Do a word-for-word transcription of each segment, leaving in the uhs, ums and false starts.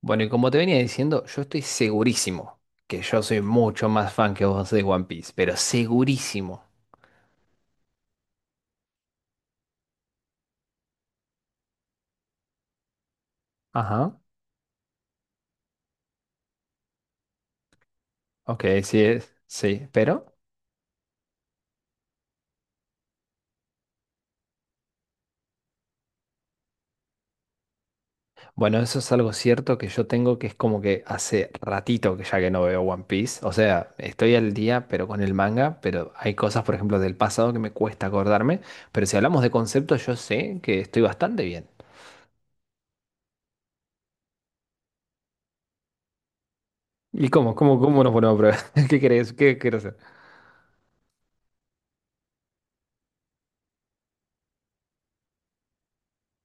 Bueno, y como te venía diciendo, yo estoy segurísimo que yo soy mucho más fan que vos de One Piece, pero segurísimo. Ajá, ok, sí es, sí, pero bueno, eso es algo cierto que yo tengo, que es como que hace ratito que ya que no veo One Piece, o sea, estoy al día pero con el manga, pero hay cosas, por ejemplo, del pasado que me cuesta acordarme, pero si hablamos de conceptos, yo sé que estoy bastante bien. ¿Y cómo? ¿Cómo, cómo nos ponemos a prueba? ¿Qué querés? ¿Qué querés hacer?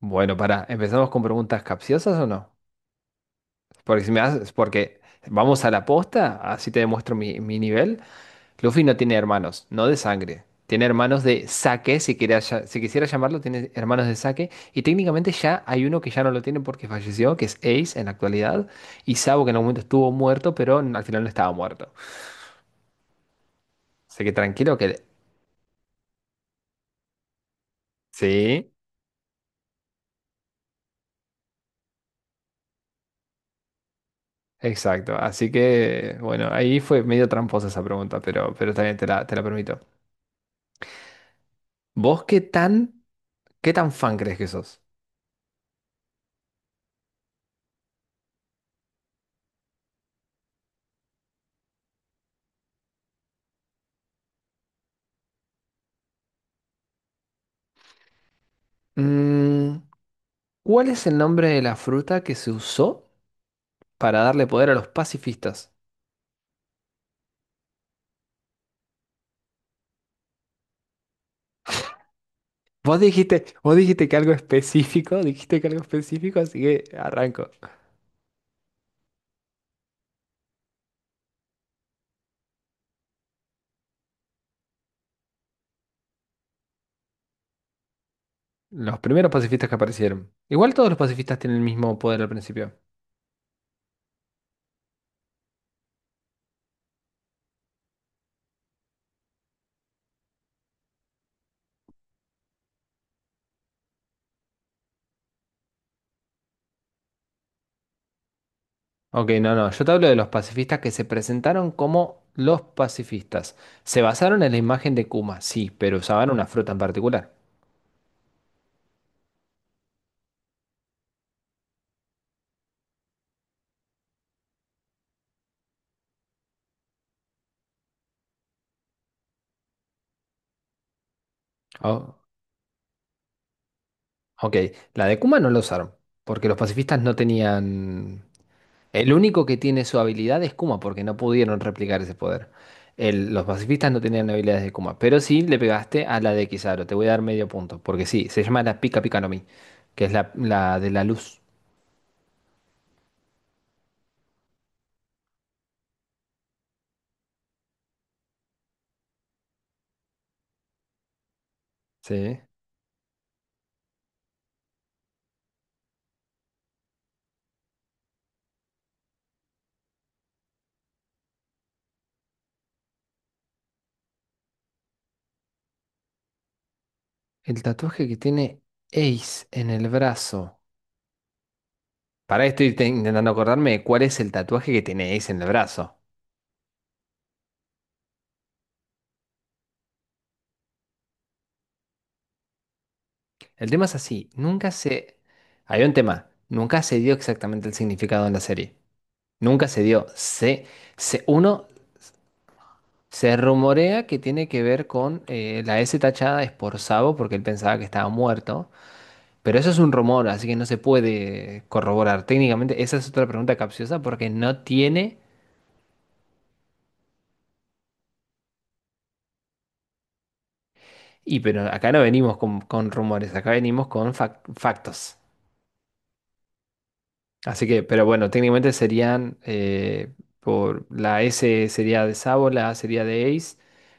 Bueno, pará, ¿empezamos con preguntas capciosas o no? Porque si me haces, porque vamos a la posta, así te demuestro mi, mi nivel. Luffy no tiene hermanos, no de sangre. Tiene hermanos de saque, si quería lla- si quisiera llamarlo, tiene hermanos de saque. Y técnicamente ya hay uno que ya no lo tiene porque falleció, que es Ace en la actualidad. Y Sabo que en algún momento estuvo muerto, pero n- al final no estaba muerto. Así que tranquilo que... Sí, exacto. Así que, bueno, ahí fue medio tramposa esa pregunta, pero, pero también te la, te la permito. ¿Vos qué tan, qué tan fan crees que sos? Mm. ¿Cuál es el nombre de la fruta que se usó para darle poder a los pacifistas? Vos dijiste, vos dijiste que algo específico, dijiste que algo específico, así que arranco. Los primeros pacifistas que aparecieron. Igual todos los pacifistas tienen el mismo poder al principio. Ok, no, no, yo te hablo de los pacifistas que se presentaron como los pacifistas. Se basaron en la imagen de Kuma, sí, pero usaban una fruta en particular. Oh, ok, la de Kuma no la usaron, porque los pacifistas no tenían. El único que tiene su habilidad es Kuma, porque no pudieron replicar ese poder. El- los pacifistas no tenían habilidades de Kuma, pero sí le pegaste a la de Kizaru. Te voy a dar medio punto, porque sí, se llama la Pika Pika no Mi, que es la, la de la luz. Sí. El tatuaje que tiene Ace en el brazo. Para estoy te- intentando acordarme de cuál es el tatuaje que tiene Ace en el brazo. El tema es así, nunca se... Hay un tema, nunca se dio exactamente el significado en la serie. Nunca se dio. Se, se, uno se rumorea que tiene que ver con eh, la S tachada es por Sabo porque él pensaba que estaba muerto, pero eso es un rumor, así que no se puede corroborar. Técnicamente, esa es otra pregunta capciosa porque no tiene, y pero acá no venimos con, con rumores, acá venimos con fac- factos. Así que, pero bueno, técnicamente serían eh, por la S sería de Sabo, la A sería de Ace.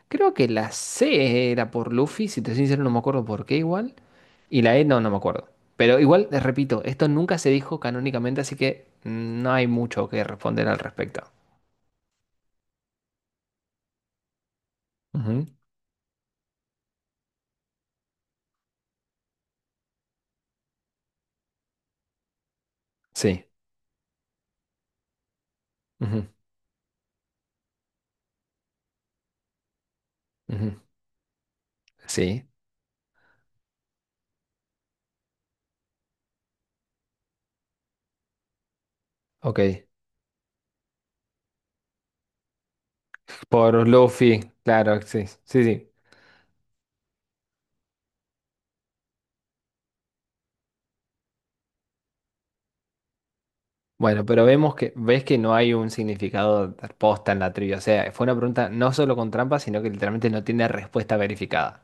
Creo que la C era por Luffy, si te soy sincero no me acuerdo por qué igual. Y la E no, no me acuerdo. Pero igual, eh, repito, esto nunca se dijo canónicamente, así que mm, no hay mucho que responder al respecto. Ujú, sí. Ujú, ujú, sí. Ok. Por Luffy, claro, sí. Sí, sí. Bueno, pero vemos que, ves que no hay un significado de posta en la trivia. O sea, fue una pregunta no solo con trampa, sino que literalmente no tiene respuesta verificada.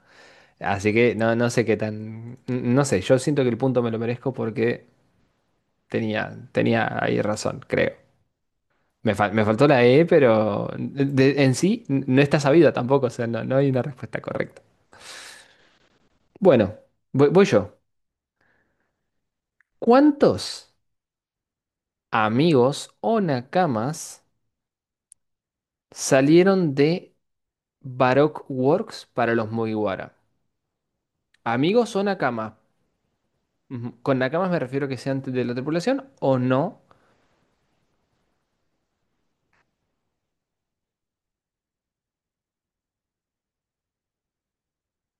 Así que no, no sé qué tan. No sé, yo siento que el punto me lo merezco porque tenía, tenía ahí razón, creo. Me, fal- me faltó la E, pero de- en sí n- no está sabida tampoco, o sea, no, no hay una respuesta correcta. Bueno, voy, voy yo. ¿Cuántos amigos o nakamas salieron de Baroque Works para los Mugiwara? Amigos o nakamas. Ujú. Con nakamas me refiero a que sean de la tripulación o no.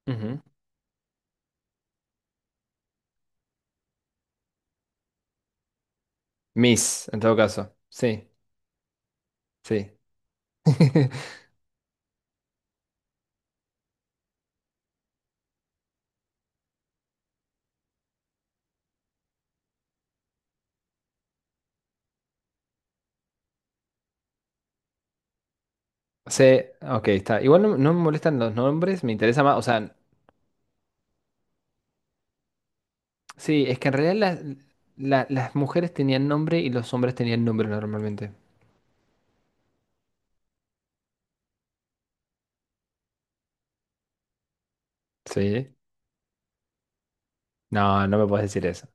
Ujú. Mis, en todo caso. Sí, sí. Sí, ok, está. Igual no, no me molestan los nombres, me interesa más. O sea, sí, es que en realidad las, la- las mujeres tenían nombre y los hombres tenían nombre normalmente. Sí. No, no me puedes decir eso.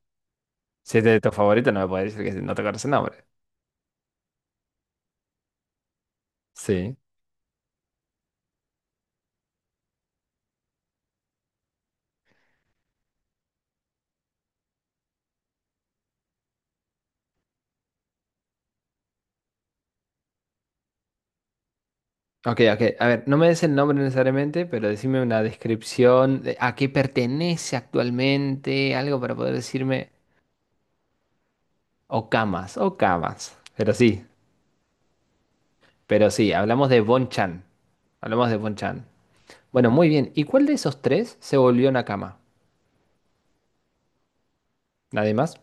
Si es de tu favorito, no me puedes decir que no te conoce el nombre. Sí. Ok, ok. A ver, no me des el nombre necesariamente, pero decime una descripción de a qué pertenece actualmente, algo para poder decirme. O camas, o camas, pero sí, pero sí, hablamos de Bonchan. Hablamos de Bonchan. Bueno, muy bien. ¿Y cuál de esos tres se volvió Nakama? ¿Nadie más?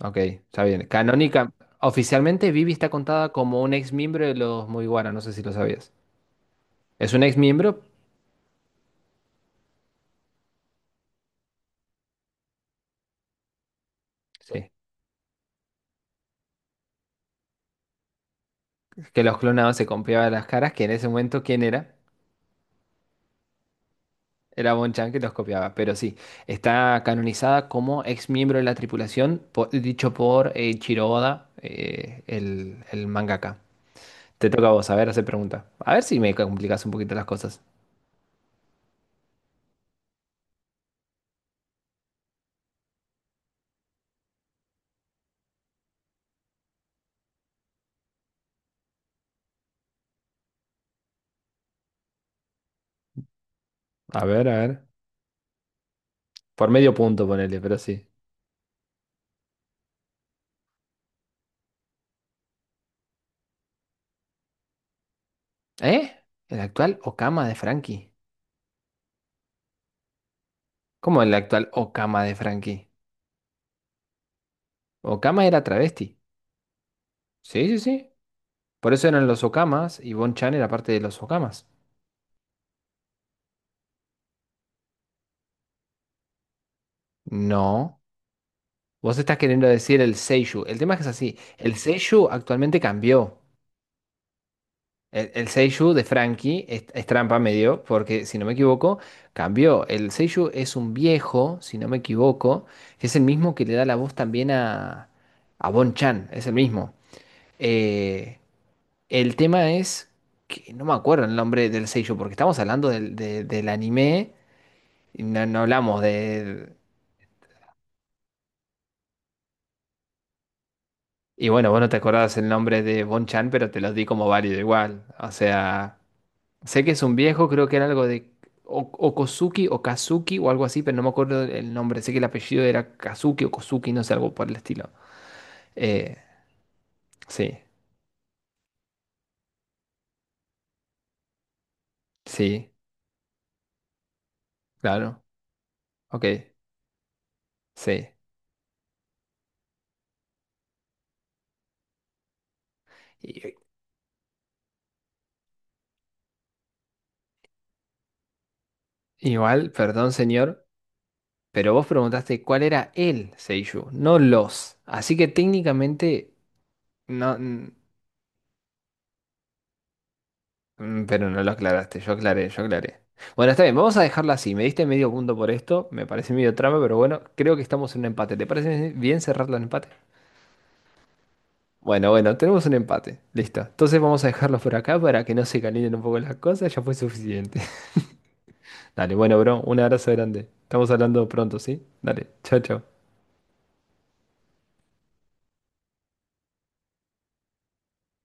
Ok, está bien. Canónica. Oficialmente, Vivi está contada como un ex miembro de los Mugiwara, no sé si lo sabías. Es un ex miembro, sí, que los clonados se copiaban las caras, que en ese momento, ¿quién era? Era Bonchan que los copiaba, pero sí, está canonizada como ex miembro de la tripulación, po- dicho por eh, Ichiro Oda, eh, el, el mangaka. Te toca a vos, a ver, hacer pregunta. A ver si me complicas un poquito las cosas. A ver, a ver. Por medio punto, ponele, pero sí. ¿Eh? ¿El actual Okama de Frankie? ¿Cómo el actual Okama de Frankie? Okama era travesti. Sí, sí, sí. Por eso eran los Okamas y Bonchan era parte de los Okamas. No. Vos estás queriendo decir el seiyuu. El tema es que es así. El seiyuu actualmente cambió. El, el seiyuu de Frankie es, es trampa medio, porque si no me equivoco, cambió. El seiyuu es un viejo, si no me equivoco, que es el mismo que le da la voz también a, a Bon-chan. Es el mismo. Eh, el tema es que no me acuerdo el nombre del seiyuu, porque estamos hablando del, de- del anime y no, no hablamos de, y bueno, vos no te acordabas el nombre de Bon Chan, pero te los di como válido igual. O sea, sé que es un viejo, creo que era algo de O- Okosuki o Kazuki o algo así, pero no me acuerdo el nombre. Sé que el apellido era Kazuki o Kosuki, no sé, algo por el estilo. Eh, sí, sí, claro, ok, sí. Y- igual, perdón señor, pero vos preguntaste cuál era el Seiyuu, no los. Así que técnicamente no. Mm, pero no lo aclaraste, yo aclaré, yo aclaré. Bueno, está bien, vamos a dejarla así. Me diste medio punto por esto, me parece medio trama, pero bueno, creo que estamos en un empate. ¿Te parece bien cerrarlo en empate? Bueno, bueno, tenemos un empate. Listo. Entonces vamos a dejarlo por acá para que no se calienten un poco las cosas, ya fue suficiente. Dale, bueno, bro, un abrazo grande. Estamos hablando pronto, ¿sí? Dale, chao, chao.